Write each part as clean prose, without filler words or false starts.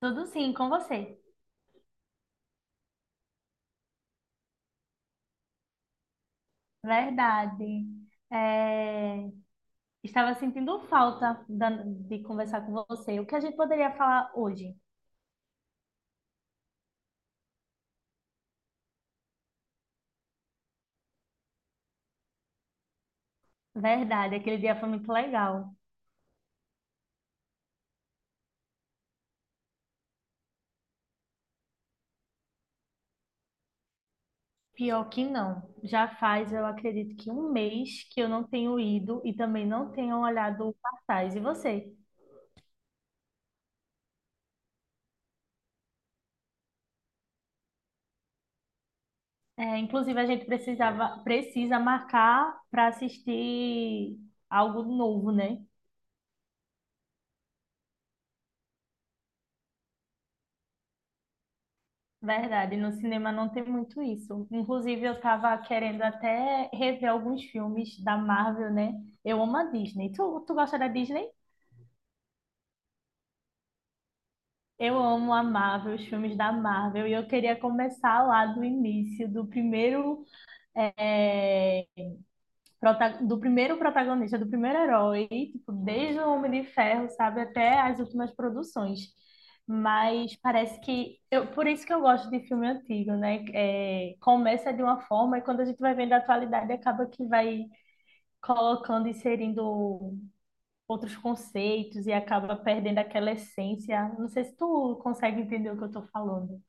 Tudo sim, com você. Verdade. É, Estava sentindo falta de conversar com você. O que a gente poderia falar hoje? Verdade, aquele dia foi muito legal. Pior que não. Já faz, eu acredito que um mês que eu não tenho ido e também não tenho olhado o cartaz. E você? É, inclusive, precisa marcar para assistir algo novo, né? Verdade, no cinema não tem muito isso. Inclusive, eu estava querendo até rever alguns filmes da Marvel, né? Eu amo a Disney. Tu gosta da Disney? Eu amo a Marvel, os filmes da Marvel, e eu queria começar lá do início, do primeiro eh, do primeiro protagonista, do primeiro herói, tipo, desde o Homem de Ferro, sabe, até as últimas produções. Mas parece que eu, por isso que eu gosto de filme antigo, né? É, começa de uma forma e quando a gente vai vendo a atualidade acaba que vai inserindo outros conceitos e acaba perdendo aquela essência. Não sei se tu consegue entender o que eu tô falando.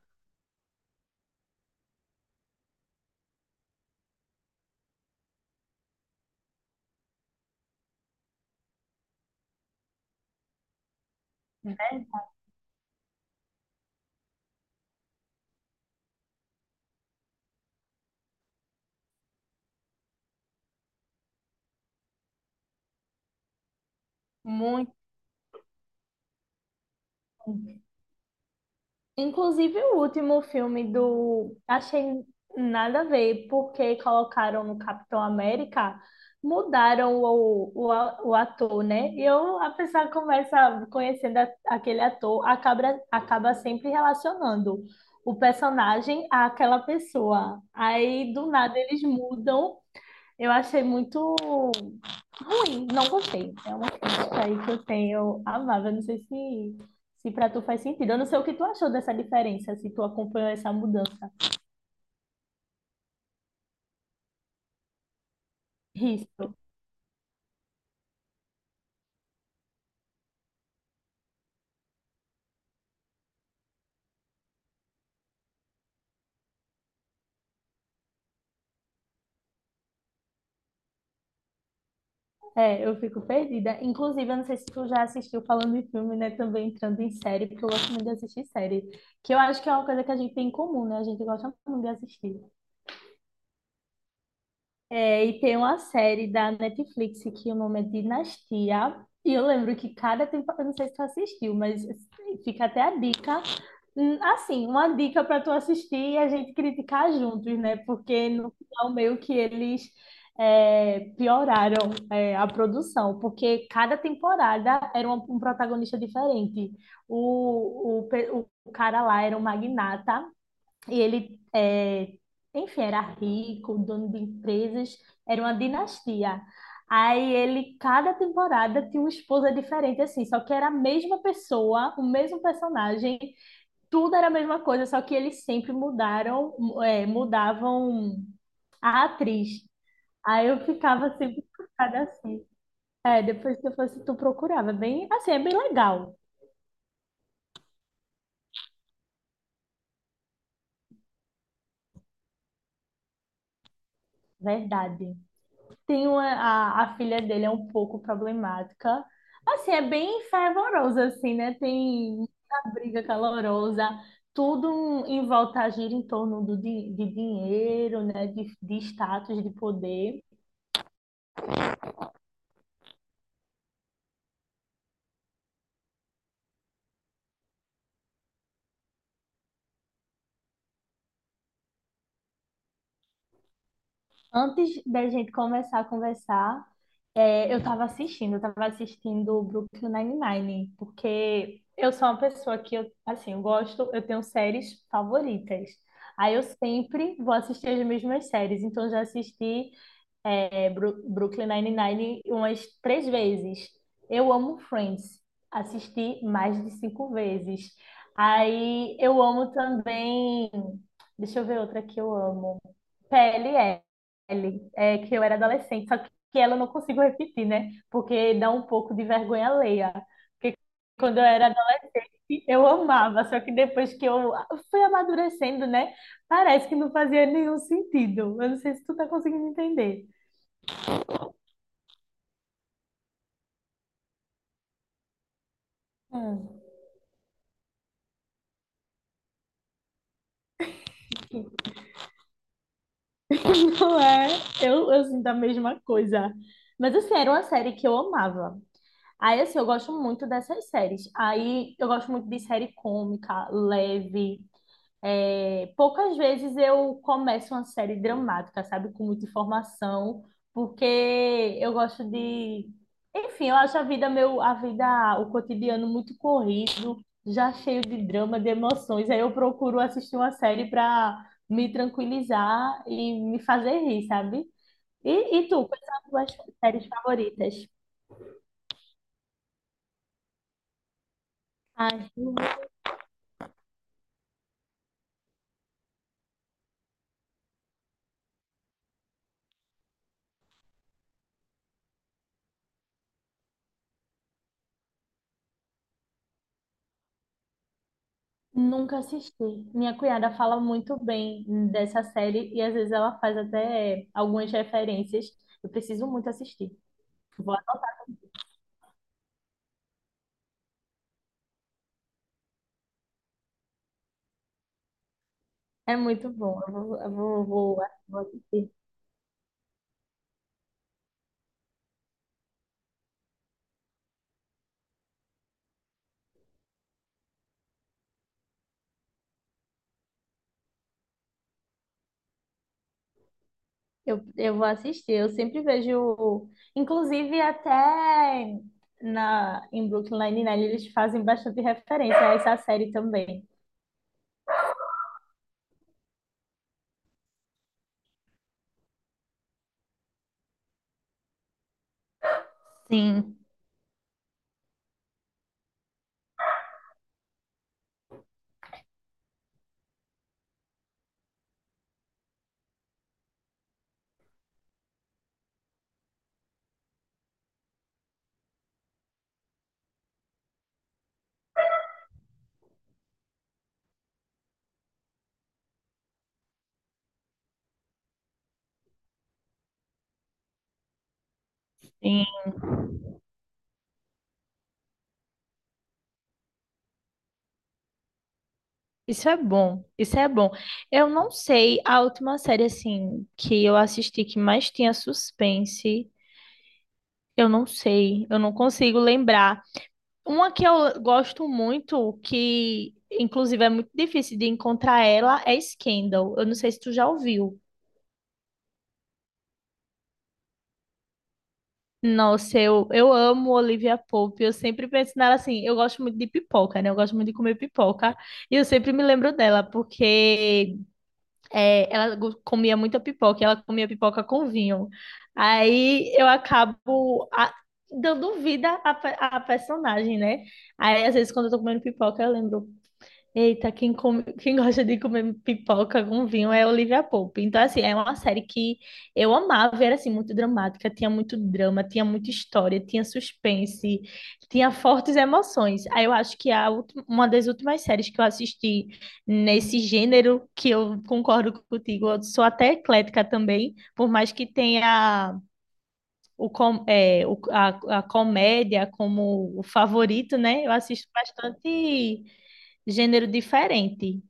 Muito inclusive, o último filme do. Achei nada a ver, porque colocaram no Capitão América, mudaram o ator, né? E eu, a pessoa começa conhecendo aquele ator, acaba sempre relacionando o personagem àquela pessoa. Aí, do nada, eles mudam, eu achei muito ruim, não gostei. É uma crítica aí que eu tenho amável. Eu não sei se, se para tu faz sentido. Eu não sei o que tu achou dessa diferença, se tu acompanhou essa mudança. Isso. É, eu fico perdida. Inclusive, eu não sei se tu já assistiu falando em filme, né? Também entrando em série, porque eu gosto muito de assistir série. Que eu acho que é uma coisa que a gente tem em comum, né? A gente gosta muito de assistir. É, e tem uma série da Netflix que o nome é Dinastia. E eu lembro que cada temporada, eu não sei se tu assistiu, mas assim, fica até a dica. Assim, uma dica para tu assistir e a gente criticar juntos, né? Porque no final meio que eles pioraram a produção, porque cada temporada era um protagonista diferente. O cara lá era um magnata e ele, enfim, era rico, dono de empresas, era uma dinastia. Aí ele, cada temporada, tinha uma esposa diferente, assim, só que era a mesma pessoa, o mesmo personagem, tudo era a mesma coisa, só que eles sempre mudaram, é, mudavam a atriz. Aí eu ficava sempre chocada assim. É, depois que eu fosse, tu procurava. É bem, assim, é bem legal, verdade. Tem a filha dele é um pouco problemática. Assim, é bem fervorosa, assim, né? Tem muita briga calorosa, tudo em volta gira em torno de dinheiro, né? De status, de poder. Antes da gente começar a conversar, eu estava assistindo o Brooklyn Nine-Nine, porque eu sou uma pessoa que, eu, assim, eu gosto, eu tenho séries favoritas. Aí eu sempre vou assistir as mesmas séries, então eu já assisti Brooklyn Nine-Nine umas três vezes. Eu amo Friends. Assisti mais de cinco vezes. Aí eu amo também. Deixa eu ver outra que eu amo. PLL, que eu era adolescente, só que ela eu não consigo repetir, né? Porque dá um pouco de vergonha alheia. Porque quando eu era adolescente, eu amava, só que depois que eu fui amadurecendo, né? Parece que não fazia nenhum sentido. Eu não sei se tu tá conseguindo entender. Não é, eu, assim da mesma coisa. Mas assim, era uma série que eu amava. Aí, assim, eu gosto muito dessas séries. Aí, eu gosto muito de série cômica, leve. É, poucas vezes eu começo uma série dramática, sabe, com muita informação, porque eu gosto de, enfim, eu acho a vida, o cotidiano muito corrido, já cheio de drama, de emoções. Aí eu procuro assistir uma série para me tranquilizar e me fazer rir, sabe? E tu, quais são as tuas séries favoritas? Ai, nunca assisti. Minha cunhada fala muito bem dessa série e às vezes ela faz até algumas referências. Eu preciso muito assistir. Vou anotar. É muito bom. Vou assistir. Eu vou assistir. Eu sempre vejo, inclusive até na em Brooklyn Nine-Nine eles fazem bastante referência a essa série também. Sim, sim. Isso é bom, isso é bom. Eu não sei, a última série, assim, que eu assisti que mais tinha suspense, eu não sei, eu não consigo lembrar. Uma que eu gosto muito, que inclusive é muito difícil de encontrar ela, é Scandal. Eu não sei se tu já ouviu. Nossa, eu amo Olivia Pope, eu sempre penso nela assim, eu gosto muito de pipoca, né? Eu gosto muito de comer pipoca, e eu sempre me lembro dela, porque comia muita pipoca, e ela comia pipoca com vinho. Aí dando vida à personagem, né? Aí às vezes quando eu tô comendo pipoca, eu lembro, eita, quem gosta de comer pipoca com vinho é Olivia Pope. Então, assim, é uma série que eu amava, era assim, muito dramática, tinha muito drama, tinha muita história, tinha suspense, tinha fortes emoções. Aí eu acho que uma das últimas séries que eu assisti nesse gênero, que eu concordo contigo, eu sou até eclética também, por mais que tenha o, com- é, o- a comédia como o favorito, né? Eu assisto bastante gênero diferente.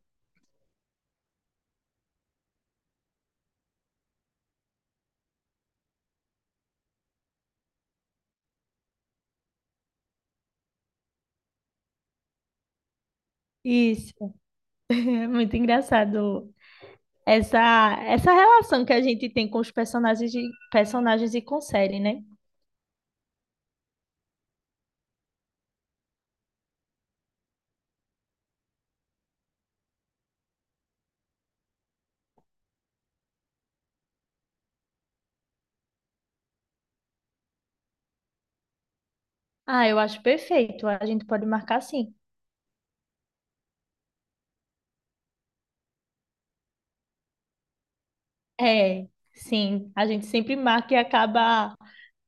Isso, é muito engraçado essa, essa relação que a gente tem com os personagens, de, personagens e com série, né? Ah, eu acho perfeito. A gente pode marcar sim. É, sim. A gente sempre marca e acaba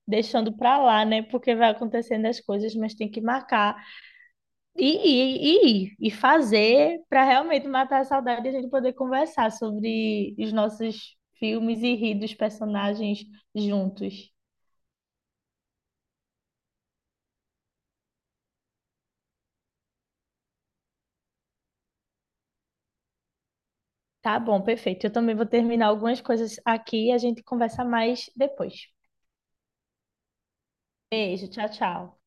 deixando pra lá, né? Porque vai acontecendo as coisas, mas tem que marcar e ir, ir, e fazer pra realmente matar a saudade e a gente poder conversar sobre os nossos filmes e rir dos personagens juntos. Tá bom, perfeito. Eu também vou terminar algumas coisas aqui e a gente conversa mais depois. Beijo, tchau, tchau.